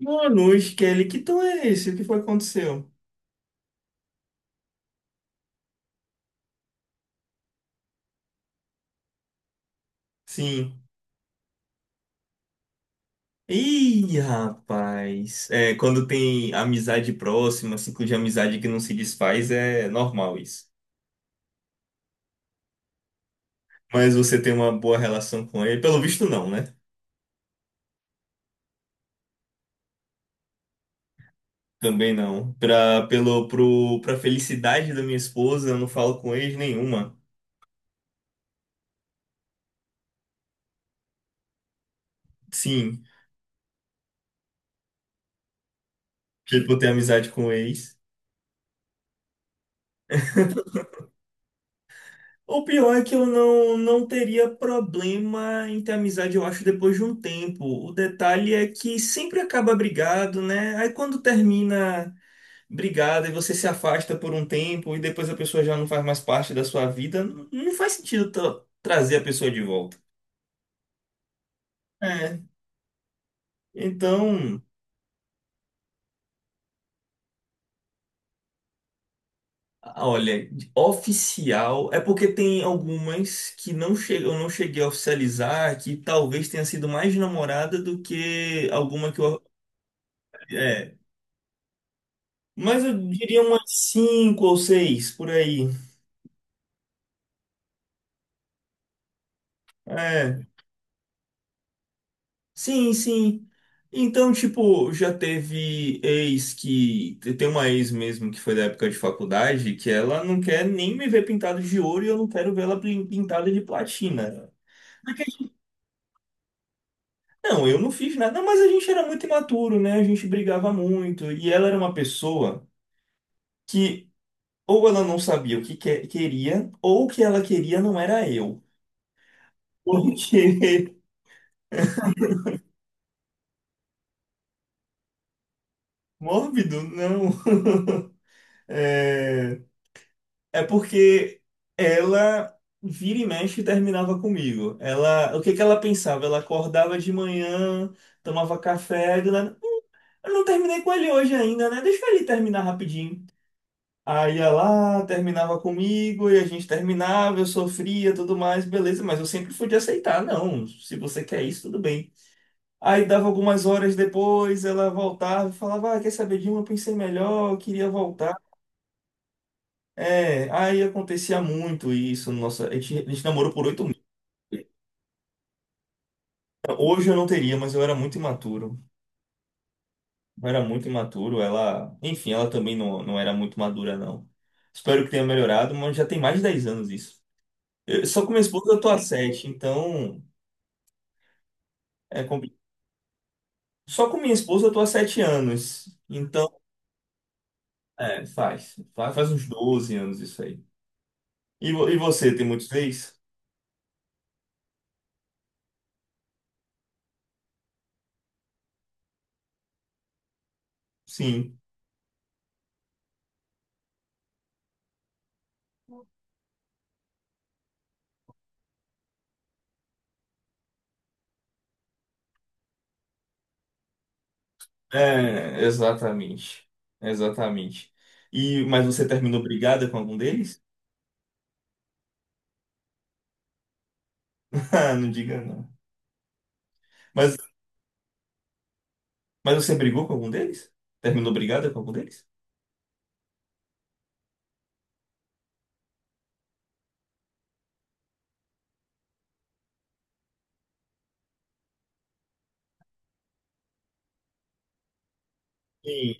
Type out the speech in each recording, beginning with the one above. Manus, Kelly, que tom é esse? O que foi que aconteceu? Sim. Ih, rapaz. É, quando tem amizade próxima, ciclo de amizade que não se desfaz, é normal isso. Mas você tem uma boa relação com ele? Pelo visto, não, né? Também não. Pra felicidade da minha esposa, eu não falo com ex nenhuma. Sim, tipo, eu tenho amizade com ex. O pior é que eu não teria problema em ter amizade, eu acho, depois de um tempo. O detalhe é que sempre acaba brigado, né? Aí quando termina brigado e você se afasta por um tempo e depois a pessoa já não faz mais parte da sua vida, não, não faz sentido trazer a pessoa de volta. É. Então, olha, oficial é porque tem algumas que eu não cheguei a oficializar, que talvez tenha sido mais namorada do que alguma que eu. É, mas eu diria umas cinco ou seis por aí. É, sim, sim. Então, tipo, já teve ex que. Tem uma ex mesmo que foi da época de faculdade que ela não quer nem me ver pintado de ouro e eu não quero ver ela pintada de platina. Porque, não, eu não fiz nada, mas a gente era muito imaturo, né? A gente brigava muito. E ela era uma pessoa que ou ela não sabia o queria, ou o que ela queria não era eu. Porque mórbido, não. É, é porque ela vira e mexe e terminava comigo. Ela, o que que ela pensava? Ela acordava de manhã, tomava café, do nada: "Eu não terminei com ele hoje ainda, né? Deixa ele terminar rapidinho." Aí ia lá, terminava comigo e a gente terminava, eu sofria, tudo mais, beleza, mas eu sempre fui de aceitar, não. Se você quer isso, tudo bem. Aí dava algumas horas depois, ela voltava e falava: "Ah, quer saber de uma? Eu pensei melhor, eu queria voltar." É, aí acontecia muito isso. Nossa, a gente namorou por 8 meses. Hoje eu não teria, mas eu era muito imaturo. Eu era muito imaturo. Ela, enfim, ela também não era muito madura, não. Espero que tenha melhorado, mas já tem mais de 10 anos isso. Só com minha esposa eu tô há sete, então é complicado. Só com minha esposa eu tô há 7 anos. Então, é, faz. Faz uns 12 anos isso aí. E, e você, tem muitos ex? Sim. É, exatamente. Exatamente. E, mas você terminou brigada com algum deles? Ah, não diga não. Mas, mas você brigou com algum deles? Terminou brigada com algum deles? Sim.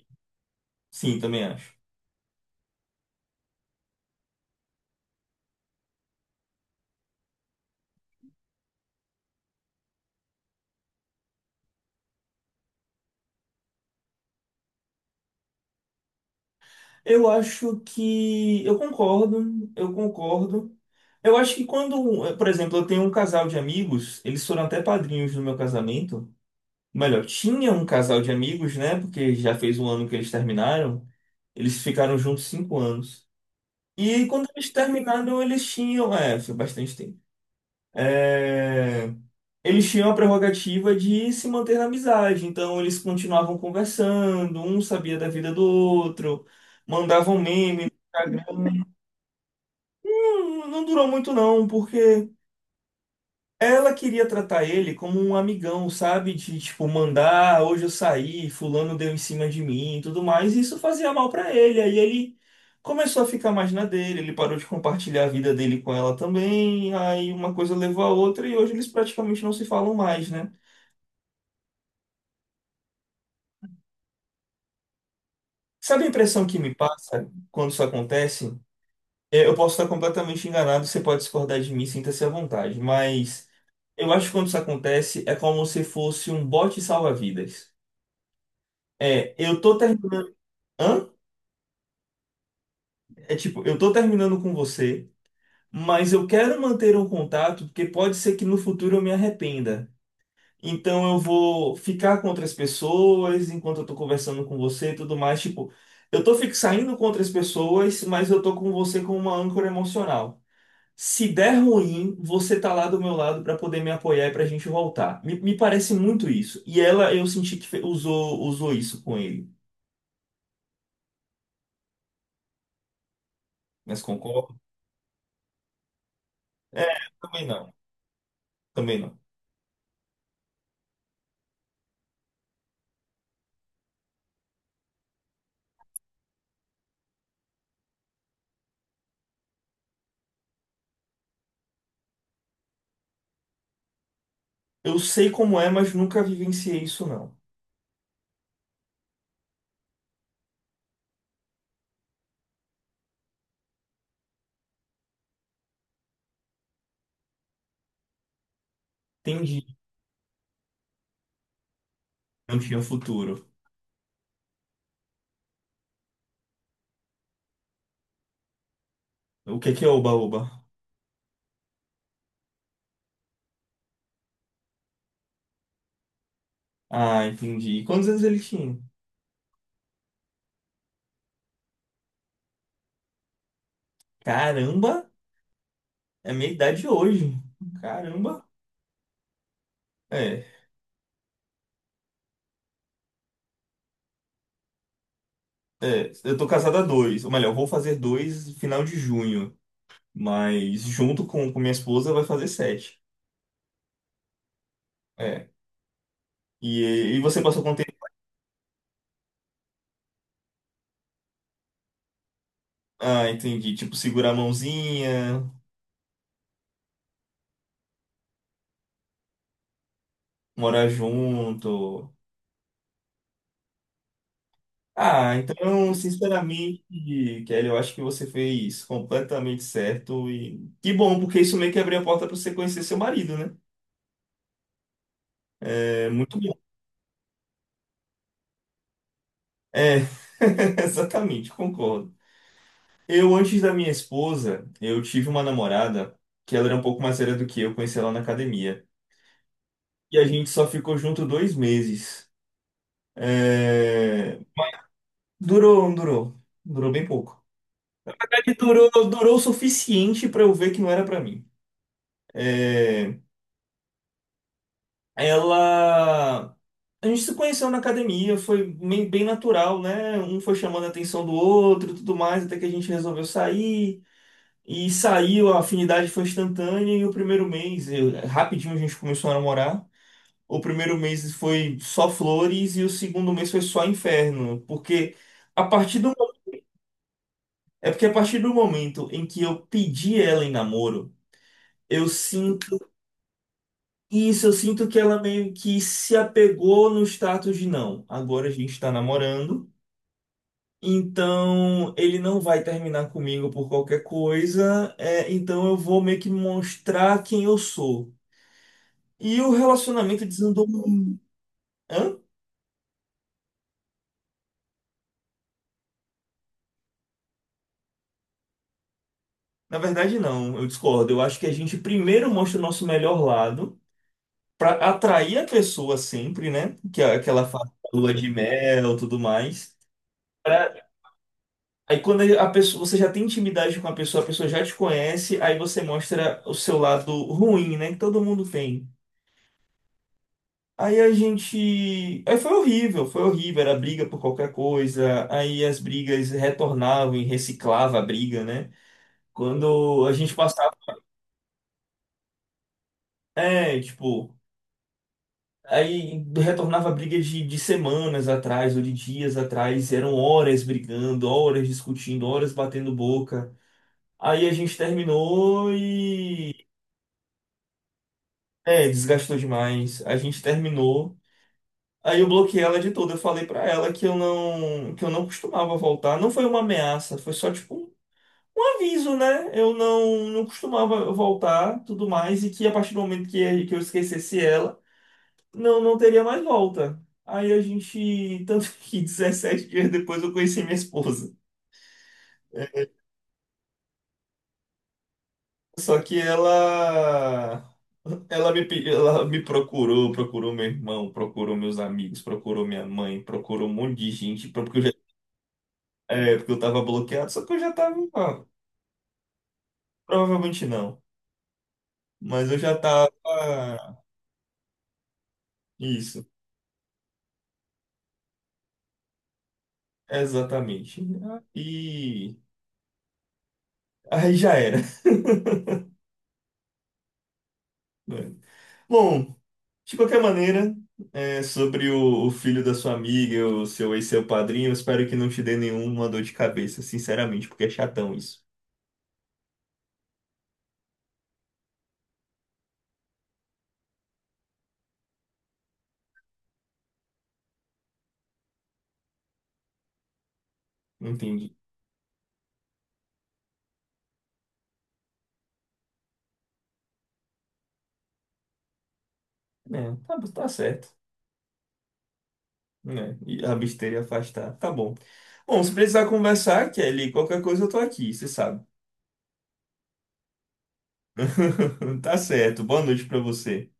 Sim, também acho. Eu acho que. Eu concordo, eu concordo. Eu acho que quando, eh, por exemplo, eu tenho um casal de amigos, eles foram até padrinhos no meu casamento. Melhor, tinha um casal de amigos, né? Porque já fez um ano que eles terminaram. Eles ficaram juntos 5 anos. E quando eles terminaram, eles tinham, é, foi bastante tempo. É, eles tinham a prerrogativa de se manter na amizade, então eles continuavam conversando, um sabia da vida do outro, mandavam meme no Instagram. não durou muito não, porque ela queria tratar ele como um amigão, sabe? De tipo, mandar: "Ah, hoje eu saí, fulano deu em cima de mim e tudo mais." E isso fazia mal pra ele. Aí ele começou a ficar mais na dele, ele parou de compartilhar a vida dele com ela também. Aí uma coisa levou a outra e hoje eles praticamente não se falam mais, né? Sabe a impressão que me passa quando isso acontece? É, eu posso estar completamente enganado, você pode discordar de mim, sinta-se à vontade. Mas eu acho que quando isso acontece é como se fosse um bote salva-vidas. É, eu tô terminando. Hã? É tipo, eu tô terminando com você, mas eu quero manter um contato porque pode ser que no futuro eu me arrependa. Então eu vou ficar com outras pessoas enquanto eu tô conversando com você e tudo mais. Tipo, eu saindo com outras pessoas, mas eu tô com você como uma âncora emocional. Se der ruim, você tá lá do meu lado pra poder me apoiar e pra gente voltar. Me parece muito isso. E ela, eu senti que usou isso com ele. Mas concordo? É, também não. Também não. Eu sei como é, mas nunca vivenciei isso, não. Entendi. Não tinha futuro. O que é oba-oba? Ah, entendi. E quantos anos ele tinha? Caramba, é a minha idade hoje. Caramba. É, é. Eu tô casado há dois. Ou melhor, vou fazer dois no final de junho. Mas junto com minha esposa vai fazer sete. É. E, e você passou quanto tempo? Ah, entendi. Tipo, segurar a mãozinha, morar junto. Ah, então, sinceramente, Kelly, eu acho que você fez completamente certo e que bom, porque isso meio que abriu a porta para você conhecer seu marido, né? É muito bom. É, exatamente, concordo. Eu, antes da minha esposa, eu tive uma namorada que ela era um pouco mais velha do que eu, conheci ela na academia. E a gente só ficou junto 2 meses. É, durou, não durou. Durou bem pouco. Na verdade, durou o suficiente para eu ver que não era para mim. É, ela. A gente se conheceu na academia, foi bem, bem natural, né? Um foi chamando a atenção do outro, e tudo mais, até que a gente resolveu sair. E saiu, a afinidade foi instantânea. E o primeiro mês, rapidinho a gente começou a namorar. O primeiro mês foi só flores e o segundo mês foi só inferno. Porque a partir do, é porque a partir do momento em que eu pedi ela em namoro, eu isso, eu sinto que ela meio que se apegou no status de não. Agora a gente está namorando, então ele não vai terminar comigo por qualquer coisa, é, então eu vou meio que mostrar quem eu sou. E o relacionamento desandou. Hã? Na verdade, não, eu discordo. Eu acho que a gente primeiro mostra o nosso melhor lado para atrair a pessoa sempre, né? Que é aquela fase da lua de mel, tudo mais. Aí quando a pessoa, você já tem intimidade com a pessoa já te conhece, aí você mostra o seu lado ruim, né? Que todo mundo tem. Aí a gente. Aí foi horrível, foi horrível. Era briga por qualquer coisa. Aí as brigas retornavam e reciclava a briga, né? Quando a gente passava. É, tipo. Aí retornava briga de semanas atrás ou de dias atrás. Eram horas brigando, horas discutindo, horas batendo boca. Aí a gente terminou e é, desgastou demais. A gente terminou. Aí eu bloqueei ela de tudo. Eu falei pra ela que eu não costumava voltar. Não foi uma ameaça, foi só tipo um, um aviso, né? Eu não costumava voltar, tudo mais, e que a partir do momento que eu esquecesse ela, não teria mais volta. Aí a gente, tanto que 17 dias depois eu conheci minha esposa. Só que ela me procurou, procurou meu irmão, procurou meus amigos, procurou minha mãe, procurou um monte de gente, porque eu já, porque eu tava bloqueado, só que eu já tava, ó, provavelmente não, mas eu já tava, isso, exatamente. E aí já era. Bom, de qualquer maneira, é, sobre o filho da sua amiga, o seu ex, seu padrinho, eu espero que não te dê nenhuma dor de cabeça, sinceramente, porque é chatão isso. Entendi. É, tá, tá certo. Né? E abster e afastar. Tá, tá bom. Bom, se precisar conversar, Kelly, qualquer coisa eu tô aqui, você sabe. Tá certo. Boa noite pra você.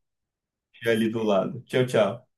Já ali do lado. Tchau, tchau.